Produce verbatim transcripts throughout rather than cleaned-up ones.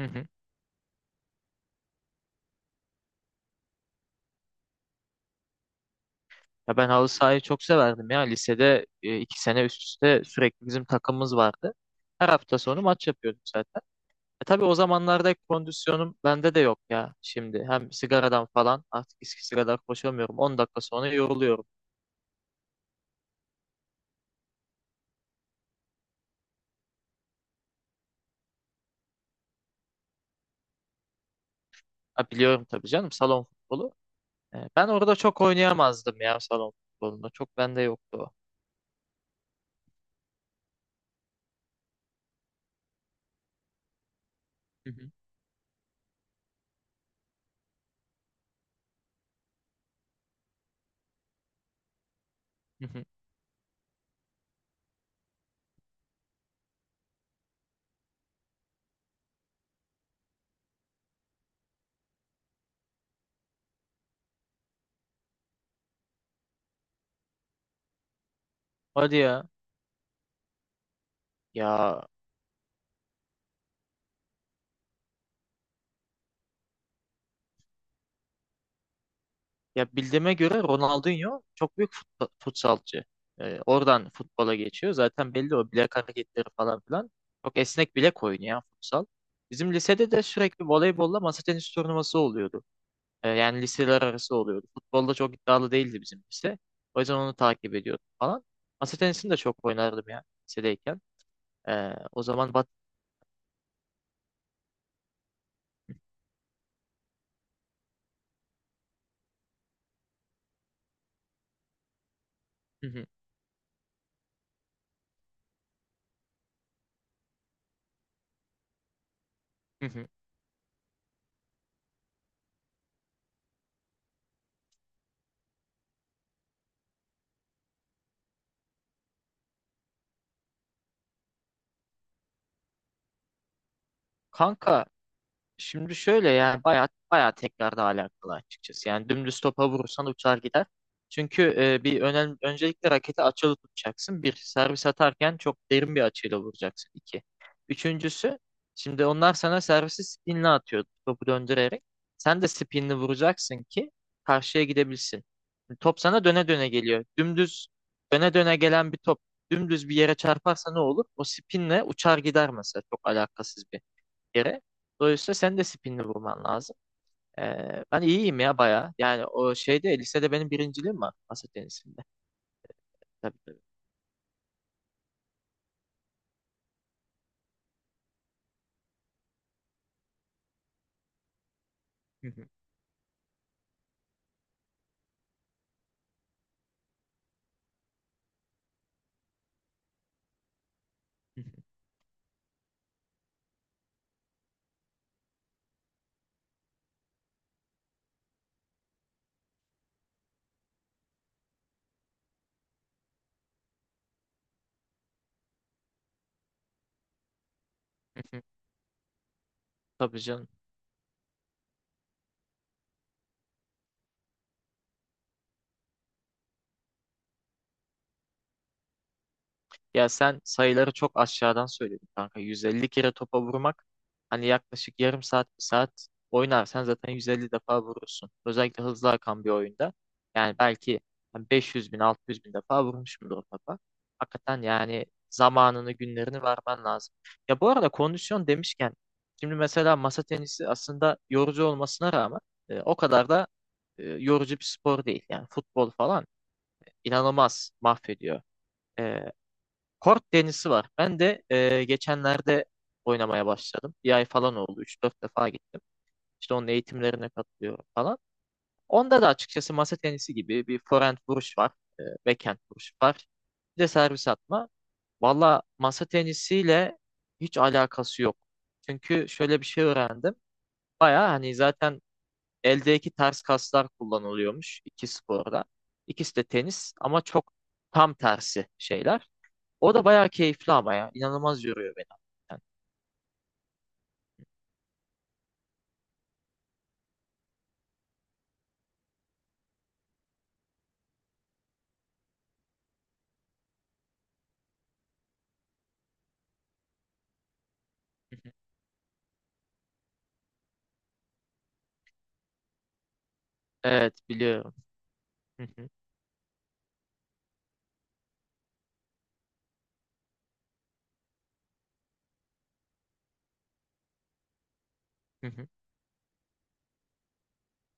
Hı hı. Ya ben halı sahayı çok severdim ya. Lisede e, iki sene üst üste sürekli bizim takımımız vardı. Her hafta sonu maç yapıyorduk zaten. E tabii o zamanlarda kondisyonum bende de yok ya şimdi. Hem sigaradan falan artık eskisi kadar koşamıyorum. On dakika sonra yoruluyorum. Ha, biliyorum tabii canım, salon futbolu. E, ben orada çok oynayamazdım ya, salon futbolunda. Çok bende yoktu o. Hı hı. Hı hı. Hadi ya. Ya Ya bildiğime göre Ronaldinho çok büyük futbol, futsalcı. Ee, oradan futbola geçiyor. Zaten belli o bilek hareketleri falan filan. Çok esnek bilek oyunu ya futsal. Bizim lisede de sürekli voleybolla masa tenisi turnuvası oluyordu. Ee, yani liseler arası oluyordu. Futbolda çok iddialı değildi bizim lise. O yüzden onu takip ediyordum falan. Masa tenisini de çok oynardım ya, lisedeyken. Ee, o zaman bat... Kanka, şimdi şöyle, yani bayağı bayağı tekrarda alakalı açıkçası. Yani dümdüz topa vurursan uçar gider. Çünkü e, bir önemli, öncelikle raketi açılı tutacaksın. Bir, servis atarken çok derin bir açıyla vuracaksın. İki. Üçüncüsü, şimdi onlar sana servisi spinle atıyor, topu döndürerek. Sen de spinle vuracaksın ki karşıya gidebilsin. Top sana döne döne geliyor. Dümdüz döne döne gelen bir top dümdüz bir yere çarparsa ne olur? O spinle uçar gider mesela. Çok alakasız bir yere. Dolayısıyla sen de spinini vurman lazım. Ee, ben iyiyim ya bayağı. Yani o şeyde, lisede benim birinciliğim var masa tenisinde. Tabii tabii. Tabii canım. Ya sen sayıları çok aşağıdan söyledin kanka. yüz elli kere topa vurmak, hani yaklaşık yarım saat bir saat oynarsan zaten yüz elli defa vurursun. Özellikle hızlı akan bir oyunda. Yani belki hani beş yüz bin altı yüz bin defa vurmuşumdur o topa. Hakikaten yani zamanını, günlerini vermen lazım. Ya bu arada, kondisyon demişken, şimdi mesela masa tenisi aslında yorucu olmasına rağmen e, o kadar da e, yorucu bir spor değil. Yani futbol falan inanılmaz mahvediyor. E, Kort tenisi var. Ben de e, geçenlerde oynamaya başladım. Bir ay falan oldu. Üç dört defa gittim. İşte onun eğitimlerine katılıyorum falan. Onda da açıkçası masa tenisi gibi bir forehand vuruş var. E, backhand vuruş var. Bir de servis atma. Valla masa tenisiyle hiç alakası yok. Çünkü şöyle bir şey öğrendim. Baya hani zaten eldeki ters kaslar kullanılıyormuş iki sporda. İkisi de tenis ama çok tam tersi şeyler. O da bayağı keyifli ama ya. İnanılmaz yoruyor beni. Yani. Evet, biliyorum. Hı hı, hı hı,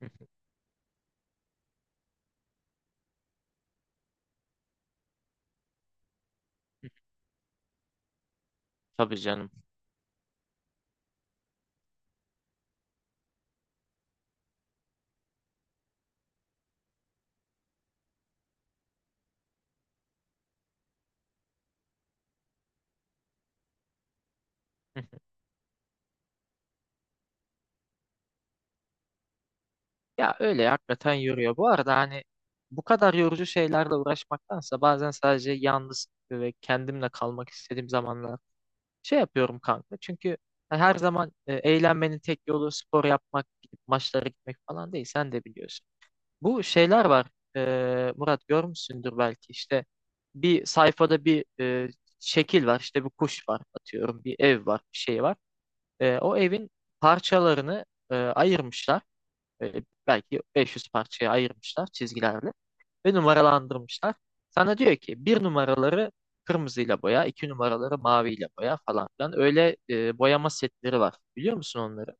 hı hı, hı hı. Tabii canım. Hı hı. Ya öyle, hakikaten yoruyor. Bu arada hani, bu kadar yorucu şeylerle uğraşmaktansa bazen sadece yalnız ve kendimle kalmak istediğim zamanlar şey yapıyorum kanka, çünkü her zaman e, eğlenmenin tek yolu spor yapmak, gidip maçlara gitmek falan değil, sen de biliyorsun. Bu şeyler var e, Murat, görmüşsündür belki, işte bir sayfada bir e, şekil var. İşte bir kuş var, atıyorum, bir ev var, bir şey var. E, o evin parçalarını e, ayırmışlar. E, belki beş yüz parçaya ayırmışlar çizgilerle ve numaralandırmışlar. Sana diyor ki, bir numaraları kırmızıyla boya, iki numaraları maviyle boya falan filan. Öyle e, boyama setleri var. Biliyor musun onları?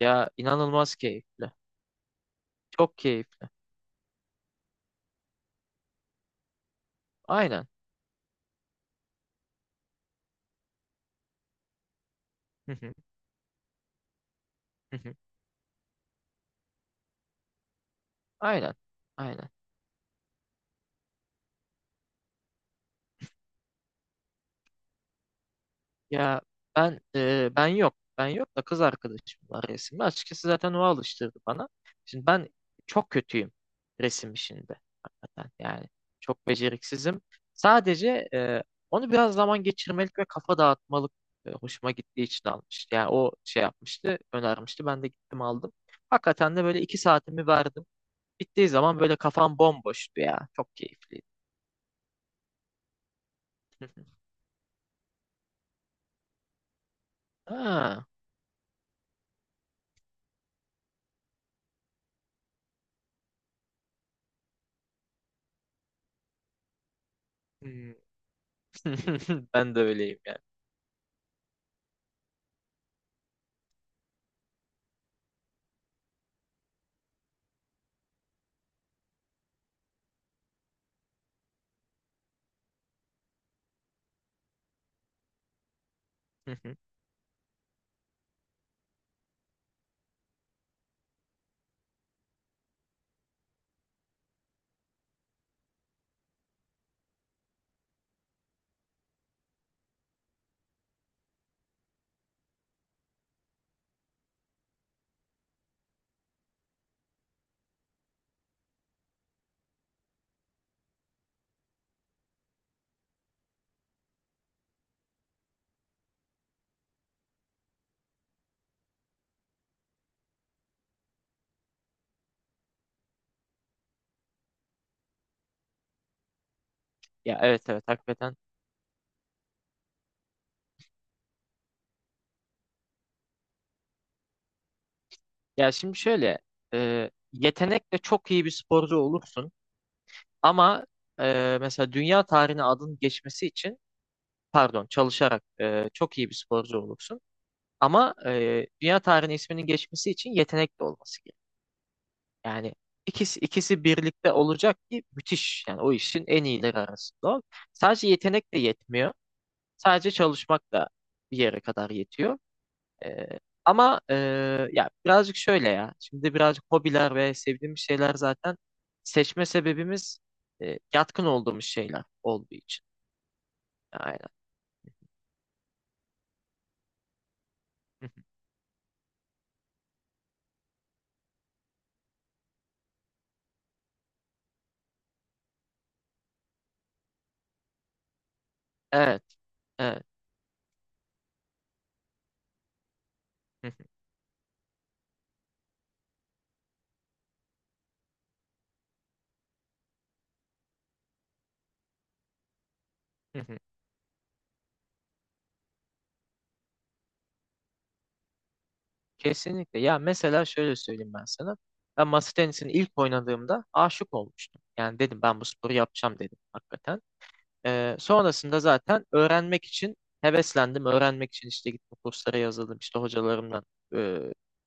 Ya inanılmaz keyifli. Çok keyifli. Aynen. Hı hı, hı hı. Aynen. Aynen. Ya, ben e, ben yok. Ben yok da kız arkadaşım var resimde. Açıkçası zaten o alıştırdı bana. Şimdi ben çok kötüyüm resim işinde. Hakikaten yani, çok beceriksizim. Sadece e, onu biraz zaman geçirmelik ve kafa dağıtmalık e, hoşuma gittiği için almıştı. Yani o, şey yapmıştı, önermişti. Ben de gittim aldım. Hakikaten de böyle iki saatimi verdim. Bittiği zaman böyle kafam bomboştu ya. Çok keyifliydi. Ha. Hmm. Ben de öyleyim yani. Hı hı. Ya, evet evet, hakikaten. Ya şimdi şöyle, e, yetenekle çok iyi bir sporcu olursun ama e, mesela dünya tarihine adın geçmesi için, pardon, çalışarak e, çok iyi bir sporcu olursun, ama e, dünya tarihine isminin geçmesi için yetenekli olması gerekiyor. Yani ikisi, ikisi birlikte olacak ki müthiş, yani o işin en iyileri arasında ol. Sadece yetenek de yetmiyor, sadece çalışmak da bir yere kadar yetiyor. Ee, Ama eee, ya birazcık şöyle ya. Şimdi birazcık hobiler ve sevdiğimiz şeyler zaten seçme sebebimiz e, yatkın olduğumuz şeyler olduğu için. Aynen. Hı hı. Evet. Evet. Hı hı, hı hı. Kesinlikle. Ya mesela şöyle söyleyeyim ben sana. Ben masa tenisini ilk oynadığımda aşık olmuştum. Yani dedim, ben bu sporu yapacağım dedim, hakikaten. Ee, sonrasında zaten öğrenmek için heveslendim. Öğrenmek için işte gittim, kurslara yazıldım. İşte hocalarımdan, e,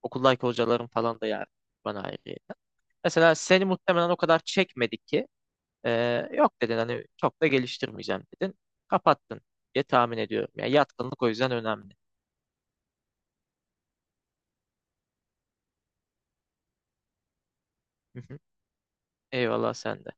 okuldaki hocalarım falan da yani bana ayrıyeten. Mesela seni muhtemelen o kadar çekmedi ki, e, yok dedin, hani çok da geliştirmeyeceğim dedin. Kapattın diye tahmin ediyorum. Yani yatkınlık, o yüzden önemli. Hı hı. Eyvallah, sen de.